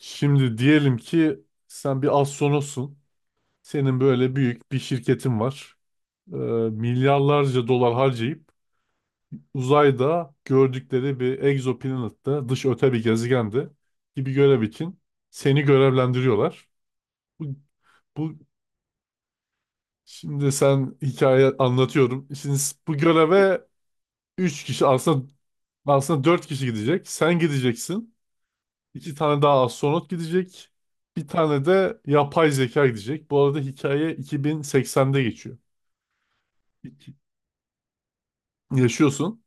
Şimdi diyelim ki sen bir astronotsun. Senin böyle büyük bir şirketin var. Ee, milyarlarca dolar harcayıp uzayda gördükleri bir egzoplanette, dış öte bir gezegende gibi görev için seni görevlendiriyorlar. Bu, bu şimdi sen hikaye anlatıyorum. Şimdi bu göreve 3 kişi aslında aslında 4 kişi gidecek. Sen gideceksin. İki tane daha astronot gidecek. Bir tane de yapay zeka gidecek. Bu arada hikaye 2080'de geçiyor. İki- Yaşıyorsun.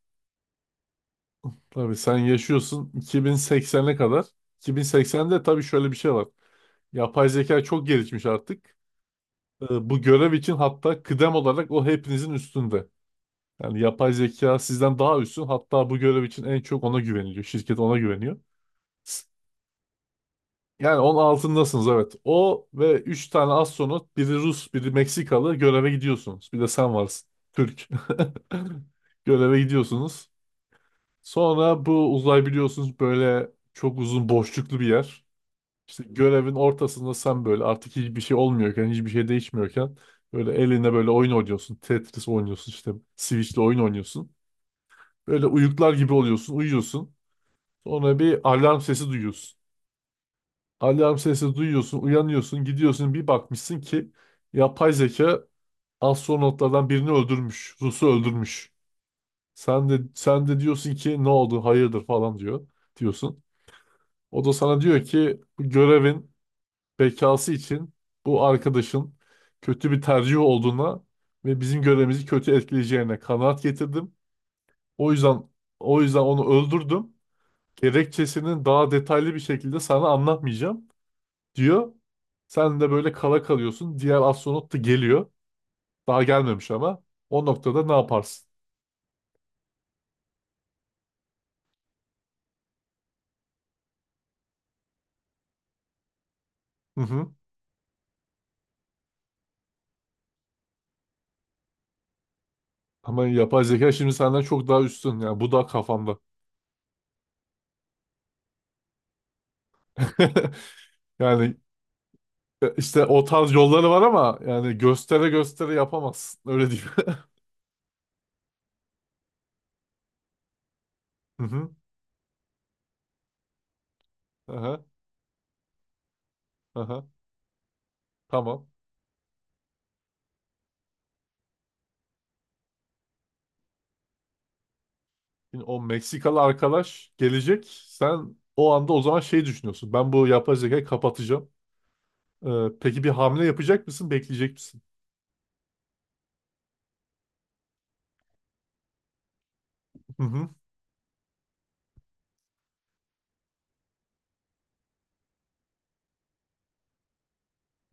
Tabii sen yaşıyorsun 2080'e kadar. 2080'de tabii şöyle bir şey var. Yapay zeka çok gelişmiş artık. Bu görev için hatta kıdem olarak o hepinizin üstünde. Yani yapay zeka sizden daha üstün. Hatta bu görev için en çok ona güveniliyor. Şirket ona güveniyor. Yani onun altındasınız, evet. O ve 3 tane astronot, biri Rus, biri Meksikalı, göreve gidiyorsunuz. Bir de sen varsın. Türk. Göreve gidiyorsunuz. Sonra bu uzay, biliyorsunuz, böyle çok uzun boşluklu bir yer. İşte görevin ortasında sen böyle artık hiçbir şey olmuyorken, hiçbir şey değişmiyorken böyle eline böyle oyun oynuyorsun. Tetris oynuyorsun işte, Switch'le oyun oynuyorsun. Böyle uyuklar gibi oluyorsun, uyuyorsun. Sonra bir alarm sesi duyuyorsun. Alarm sesi duyuyorsun, uyanıyorsun, gidiyorsun, bir bakmışsın ki yapay zeka astronotlardan birini öldürmüş, Rus'u öldürmüş. Sen de diyorsun ki ne oldu, hayırdır falan diyor diyorsun. O da sana diyor ki bu görevin bekası için bu arkadaşın kötü bir tercih olduğuna ve bizim görevimizi kötü etkileyeceğine kanaat getirdim. O yüzden o yüzden onu öldürdüm. Gerekçesini daha detaylı bir şekilde sana anlatmayacağım, diyor. Sen de böyle kala kalıyorsun. Diğer astronot da geliyor. Daha gelmemiş ama. O noktada ne yaparsın? Hı hı. Ama yapay zeka şimdi senden çok daha üstün. Yani bu da kafamda. Yani işte o tarz yolları var ama yani göstere göstere yapamazsın. Öyle diyeyim. Hı hı. Aha. Aha. Tamam. Şimdi o Meksikalı arkadaş gelecek. Sen o anda o zaman şey düşünüyorsun. Ben bu yapay zekayı kapatacağım. Ee, peki bir hamle yapacak mısın? Bekleyecek misin? Hı hı.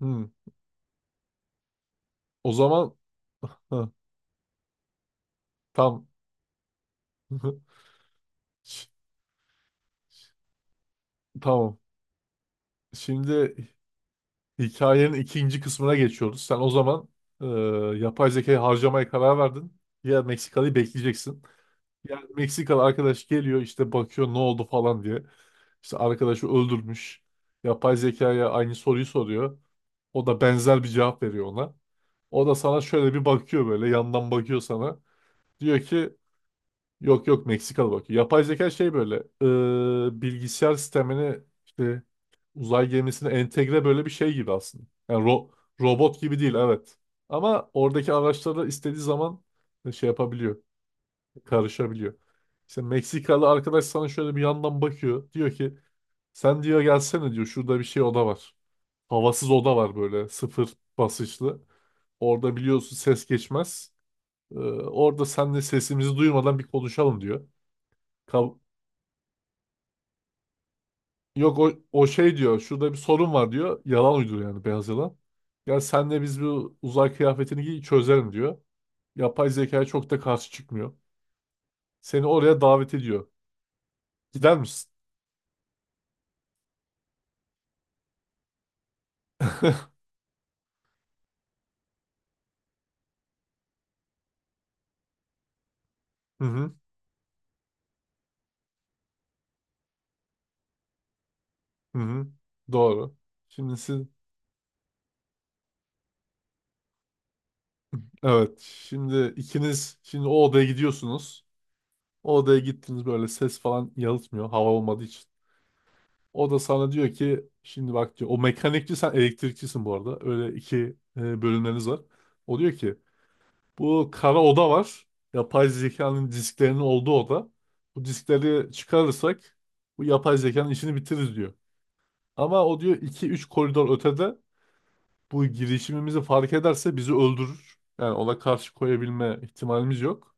Hı. O zaman. Hı, tam. Ş- Tamam. Şimdi hikayenin ikinci kısmına geçiyoruz. Sen o zaman e, yapay zekayı harcamaya karar verdin. Ya Meksikalı'yı bekleyeceksin. Ya Meksikalı arkadaş geliyor işte bakıyor ne oldu falan diye. İşte arkadaşı öldürmüş. Yapay zekaya aynı soruyu soruyor. O da benzer bir cevap veriyor ona. O da sana şöyle bir bakıyor, böyle yandan bakıyor sana. Diyor ki yok yok, Meksikalı bakıyor. Yapay zeka şey böyle bilgisayar sistemini işte uzay gemisine entegre böyle bir şey gibi aslında. Yani robot gibi değil, evet. Ama oradaki araçlara istediği zaman şey yapabiliyor, karışabiliyor. İşte Meksikalı arkadaş sana şöyle bir yandan bakıyor. Diyor ki sen diyor gelsene diyor şurada bir şey oda var. Havasız oda var böyle sıfır basınçlı. Orada biliyorsun ses geçmez. Ee, orada seninle sesimizi duymadan bir konuşalım diyor. Ka- Yok, o şey diyor. Şurada bir sorun var diyor. Yalan uyduruyor yani, beyaz yalan. Ya senle biz bu uzay kıyafetini giy çözelim diyor. Yapay zekaya çok da karşı çıkmıyor. Seni oraya davet ediyor. Gider misin? Hı hı. Hı hı. Doğru. Şimdi siz, evet, şimdi ikiniz şimdi o odaya gidiyorsunuz. O odaya gittiniz böyle ses falan yalıtmıyor hava olmadığı için. O da sana diyor ki şimdi bak diyor o mekanikçi sen elektrikçisin bu arada. Öyle iki bölümleriniz var. O diyor ki bu kara oda var. Yapay zekanın disklerinin olduğu oda. Bu diskleri çıkarırsak bu yapay zekanın işini bitiririz diyor. Ama o diyor iki üç koridor ötede bu girişimimizi fark ederse bizi öldürür. Yani ona karşı koyabilme ihtimalimiz yok.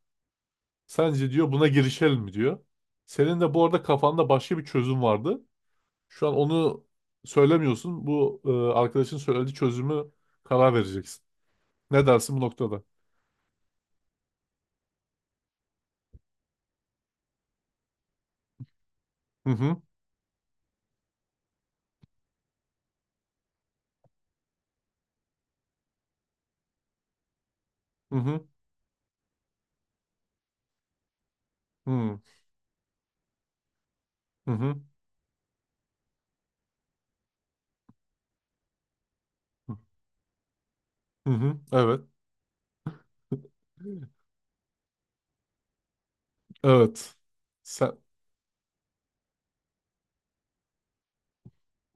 Sence diyor buna girişelim mi diyor. Senin de bu arada kafanda başka bir çözüm vardı. Şu an onu söylemiyorsun. Bu arkadaşın söylediği çözümü karar vereceksin. Ne dersin bu noktada? Hı hı, hı hı, hı hı. Hı hı. Hı hı. Evet. Evet. Sen.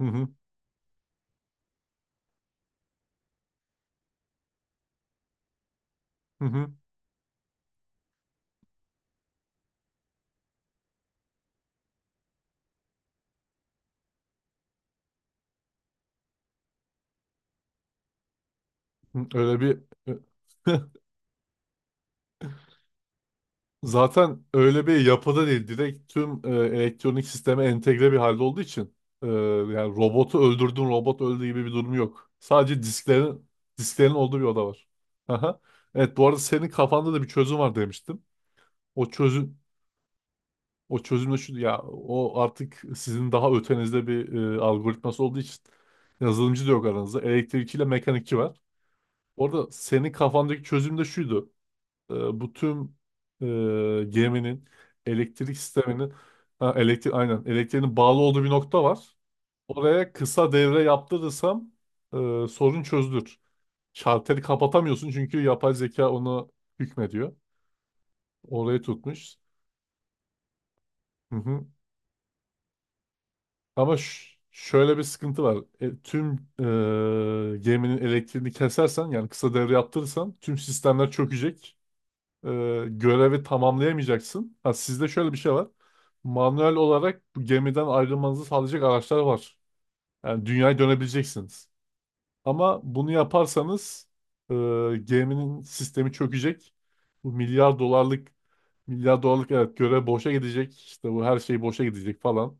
Hı hı. Hı hı. Hı. Öyle bir zaten öyle bir yapıda değil. Direkt tüm elektronik sisteme entegre bir halde olduğu için yani robotu öldürdün robot öldü gibi bir durum yok. Sadece disklerin olduğu bir oda var. Aha. Evet, bu arada senin kafanda da bir çözüm var demiştim. O çözüm o çözüm de şu ya o artık sizin daha ötenizde bir algoritması olduğu için yazılımcı da yok aranızda. Elektrikçiyle mekanikçi var. Orada senin kafandaki çözüm de şuydu. Ee, bu tüm e, geminin elektrik sisteminin ha, elektrik aynen elektriğinin bağlı olduğu bir nokta var. Oraya kısa devre yaptırırsam sorun çözülür. Şalteri kapatamıyorsun çünkü yapay zeka onu hükmediyor. Orayı tutmuş. Hı hı. Ama şöyle bir sıkıntı var. Tüm e, geminin elektriğini kesersen yani kısa devre yaptırırsan tüm sistemler çökecek. e, görevi tamamlayamayacaksın. Ha, sizde şöyle bir şey var. Manuel olarak bu gemiden ayrılmanızı sağlayacak araçlar var. Yani dünyaya dönebileceksiniz. Ama bunu yaparsanız e, geminin sistemi çökecek. Bu milyar dolarlık evet görev boşa gidecek. İşte bu her şey boşa gidecek falan.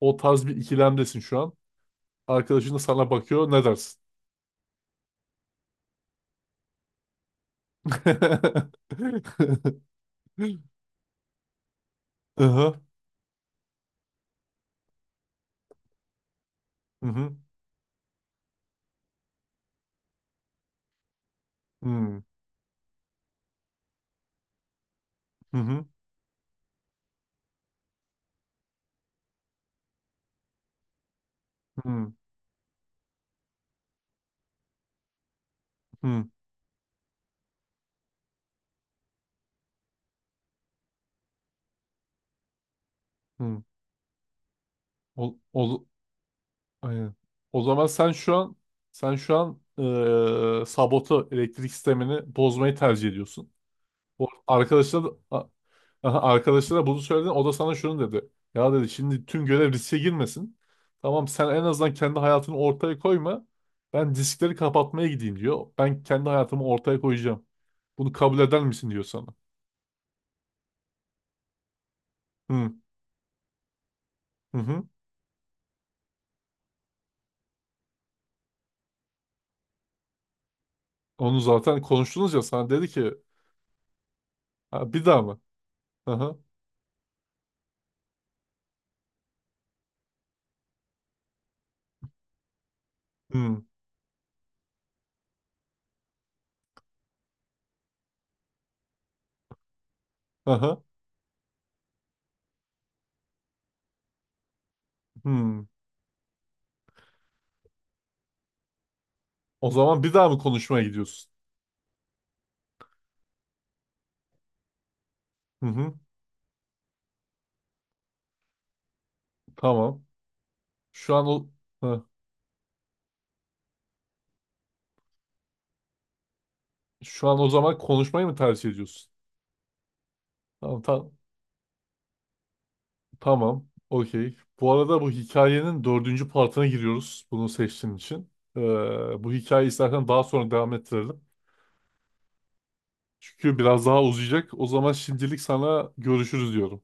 O tarz bir ikilemdesin şu an. Arkadaşın da sana bakıyor. Ne dersin? Hı. Hı hı. Hı hı. Hı hı. Hı hı. Hı hı. Ol, ol, aynen. O zaman sen şu an sabotu elektrik sistemini bozmayı tercih ediyorsun. O arkadaşlar a- aha, arkadaşlara bunu söyledin. O da sana şunu dedi. Ya dedi şimdi tüm görev riske girmesin. Tamam sen en azından kendi hayatını ortaya koyma. Ben diskleri kapatmaya gideyim diyor. Ben kendi hayatımı ortaya koyacağım. Bunu kabul eder misin diyor sana. Hı hı. Hı. Onu zaten konuştunuz ya sana dedi ki "Ha, bir daha mı? Aha. Hı. Hı hı. O zaman bir daha mı konuşmaya gidiyorsun? Hı hı. Tamam. Şu an o. Hı. Şu an o zaman konuşmayı mı tercih ediyorsun? Tamam. Tamam. Okey. Bu arada bu hikayenin dördüncü partına giriyoruz. Bunu seçtiğin için. Ee, bu hikayeyi istersen daha sonra devam ettirelim. Çünkü biraz daha uzayacak. O zaman şimdilik sana görüşürüz diyorum.